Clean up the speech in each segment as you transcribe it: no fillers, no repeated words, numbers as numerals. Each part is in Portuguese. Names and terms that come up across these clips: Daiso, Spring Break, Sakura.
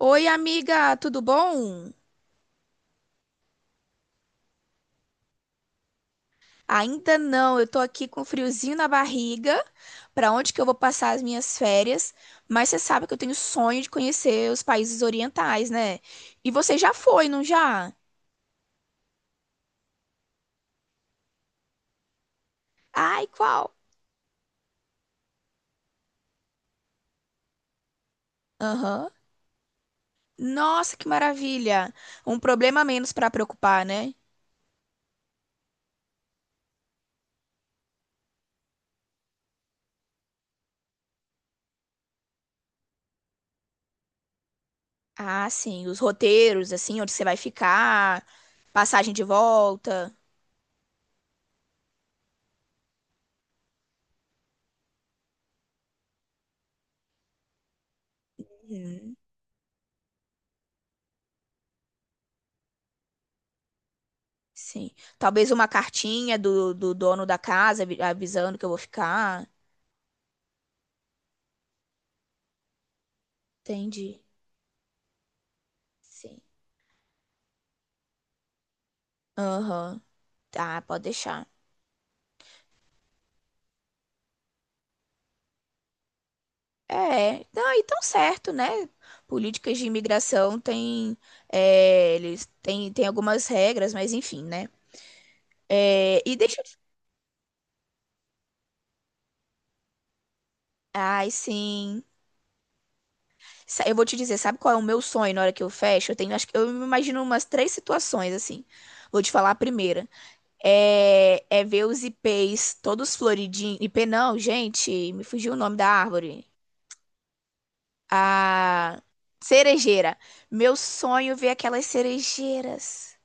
Oi, amiga, tudo bom? Ainda não, eu tô aqui com friozinho na barriga, pra onde que eu vou passar as minhas férias, mas você sabe que eu tenho sonho de conhecer os países orientais, né? E você já foi, não já? Ai, qual? Aham. Nossa, que maravilha! Um problema a menos pra preocupar, né? Ah, sim, os roteiros, assim, onde você vai ficar, passagem de volta. Uhum. Sim. Talvez uma cartinha do dono da casa avisando que eu vou ficar. Entendi. Sim. Aham. Tá, pode deixar. É, não, e tão certo, né? Políticas de imigração têm, eles têm algumas regras, mas enfim, né? É, e deixa eu. Ai, sim. Eu vou te dizer, sabe qual é o meu sonho na hora que eu fecho? Eu tenho, acho que eu me imagino umas três situações assim. Vou te falar a primeira. É ver os ipês todos floridinhos. Ipê não, gente, me fugiu o nome da árvore. A cerejeira. Meu sonho é ver aquelas cerejeiras.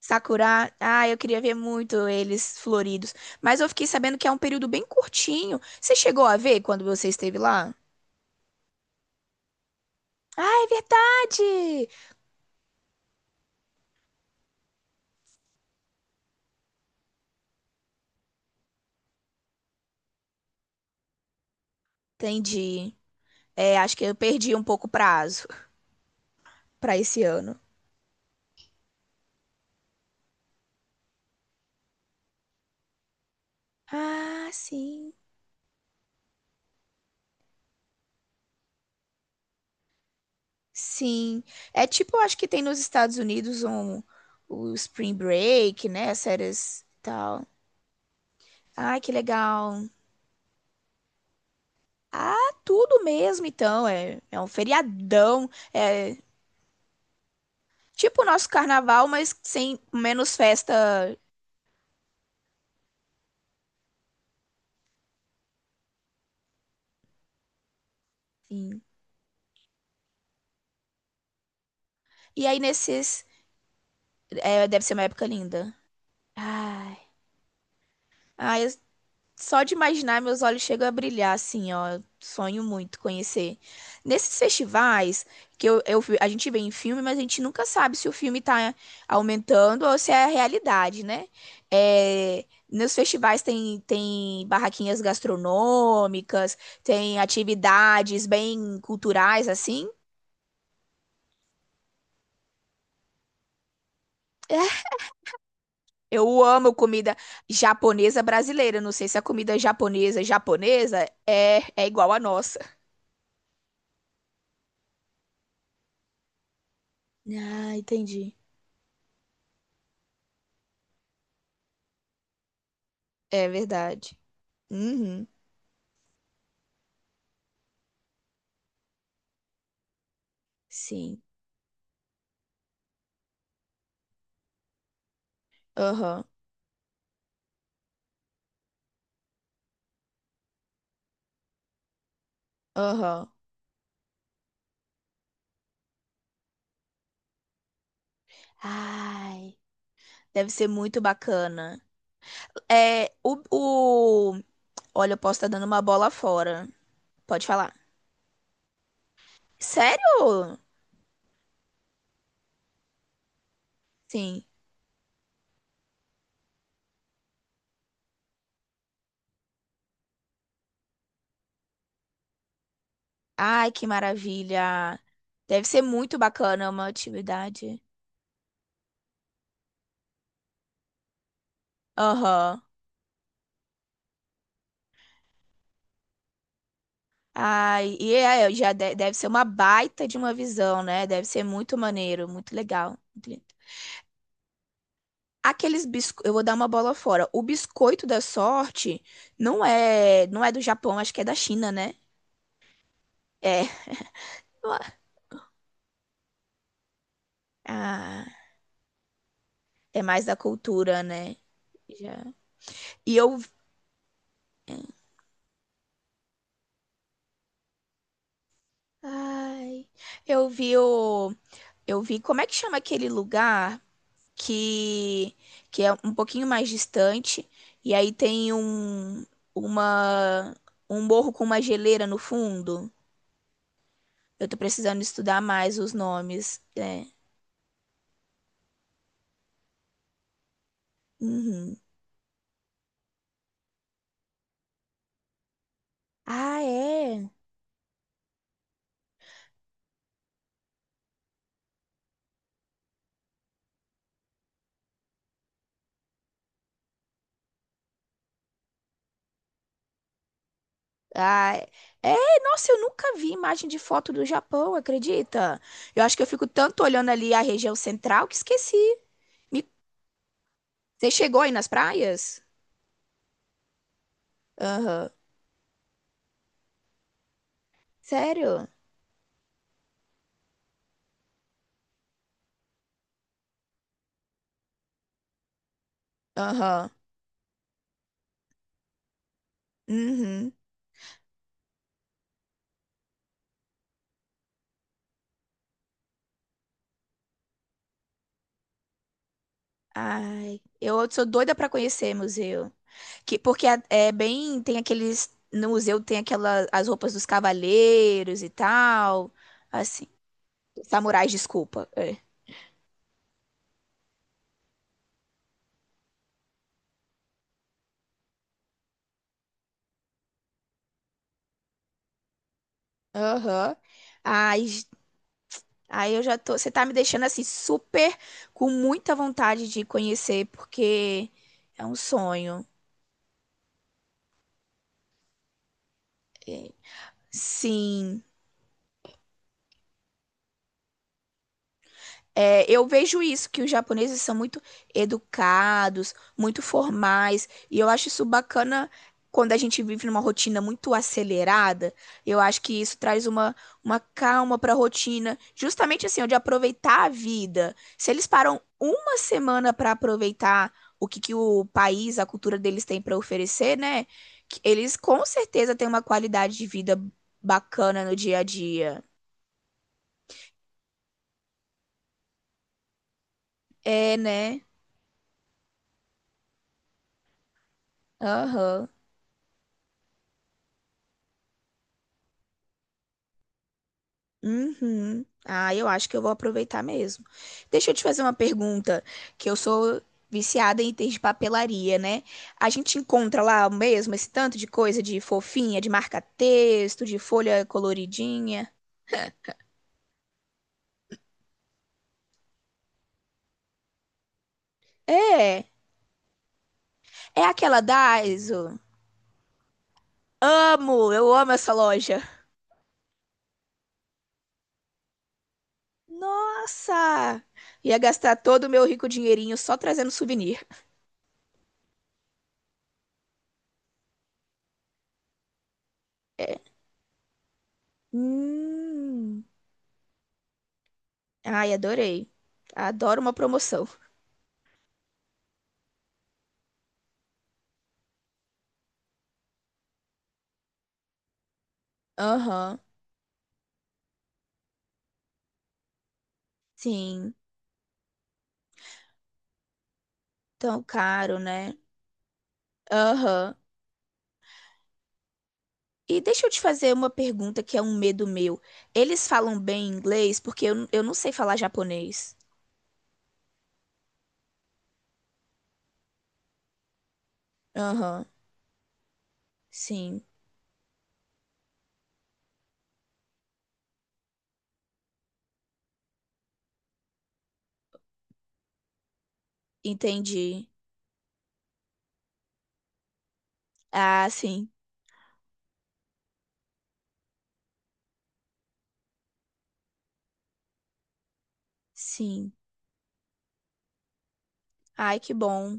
Sakura, eu queria ver muito eles floridos. Mas eu fiquei sabendo que é um período bem curtinho. Você chegou a ver quando você esteve lá? Ah, é verdade! Entendi. É, acho que eu perdi um pouco o prazo para esse ano. Ah, sim. Sim, é tipo, eu acho que tem nos Estados Unidos um, o Spring Break, né? As séries e tal. Ai, que legal. Ah, tudo mesmo, então. É um feriadão. É tipo o nosso carnaval, mas sem menos festa. Sim. E aí, nesses. Deve ser uma época linda. Ai. Ai, eu só de imaginar, meus olhos chegam a brilhar, assim, ó. Sonho muito conhecer. Nesses festivais, que a gente vê em filme, mas a gente nunca sabe se o filme tá aumentando ou se é a realidade, né? É, nos festivais tem barraquinhas gastronômicas, tem atividades bem culturais, assim. Eu amo comida japonesa brasileira. Não sei se a comida japonesa japonesa é igual à nossa. Ah, entendi. É verdade. Uhum. Sim. Aham. Aham. Ai, deve ser muito bacana. É, o, o... Olha, eu posso estar dando uma bola fora. Pode falar. Sério? Sim. Ai, que maravilha. Deve ser muito bacana é uma atividade. Aham. Ai, e é, já deve ser uma baita de uma visão, né? Deve ser muito maneiro, muito legal. Aqueles biscoitos, eu vou dar uma bola fora. O biscoito da sorte não é do Japão, acho que é da China, né? É. Ah, é mais da cultura, né? Já. E eu, ai, eu vi o, eu vi como é que chama aquele lugar que que é um pouquinho mais distante e aí tem um uma um morro com uma geleira no fundo. Eu tô precisando estudar mais os nomes, né. Uhum. Ah, é. Ah, é, nossa, eu nunca vi imagem de foto do Japão, acredita? Eu acho que eu fico tanto olhando ali a região central que esqueci. Me- Você chegou aí nas praias? Aham. Sério? Aham. Uhum. Ai, eu sou doida pra conhecer museu. Que, porque é bem, tem aqueles, no museu tem aquelas, as roupas dos cavaleiros e tal, assim, samurais, desculpa. É. Aham. Ai, aí eu já tô. Você tá me deixando assim super com muita vontade de conhecer, porque é um sonho. É, sim. É, eu vejo isso, que os japoneses são muito educados, muito formais, e eu acho isso bacana quando a gente vive numa rotina muito acelerada. Eu acho que isso traz uma calma para a rotina, justamente assim, ó, de aproveitar a vida. Se eles param uma semana para aproveitar o que, que o país, a cultura deles tem para oferecer, né? que Eles com certeza têm uma qualidade de vida bacana no dia a dia. É, né? Aham. Uhum. Ah, eu acho que eu vou aproveitar mesmo. Deixa eu te fazer uma pergunta, que eu sou viciada em itens de papelaria, né? A gente encontra lá mesmo esse tanto de coisa de fofinha, de marca-texto, de folha coloridinha. É, é aquela Daiso. Amo, eu amo essa loja. Nossa! Ia gastar todo o meu rico dinheirinho só trazendo souvenir. Hum. Ai, adorei. Adoro uma promoção. Aham. Sim. Tão caro, né? Aham. E deixa eu te fazer uma pergunta que é um medo meu. Eles falam bem inglês? Porque eu não sei falar japonês. Aham. Sim. Entendi. Ah, sim. Sim. Ai, que bom.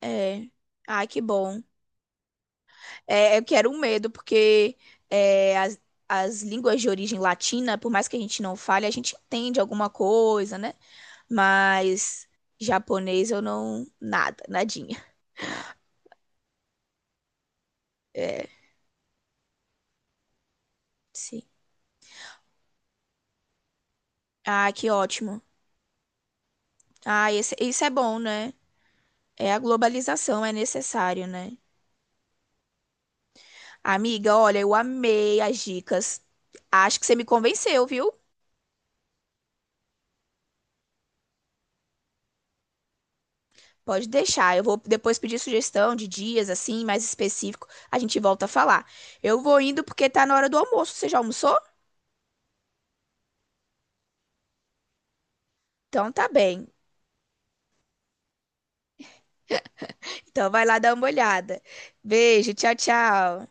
É. Ai, que bom. É, eu quero um medo, porque é, as, as línguas de origem latina, por mais que a gente não fale, a gente entende alguma coisa, né? Mas japonês eu não. Nada, nadinha. É, sim. Ah, que ótimo. Ah, isso é bom, né? É a globalização, é necessário, né? Amiga, olha, eu amei as dicas. Acho que você me convenceu, viu? Pode deixar. Eu vou depois pedir sugestão de dias, assim, mais específico. A gente volta a falar. Eu vou indo porque tá na hora do almoço. Você já almoçou? Então tá bem. Então vai lá dar uma olhada. Beijo, tchau, tchau.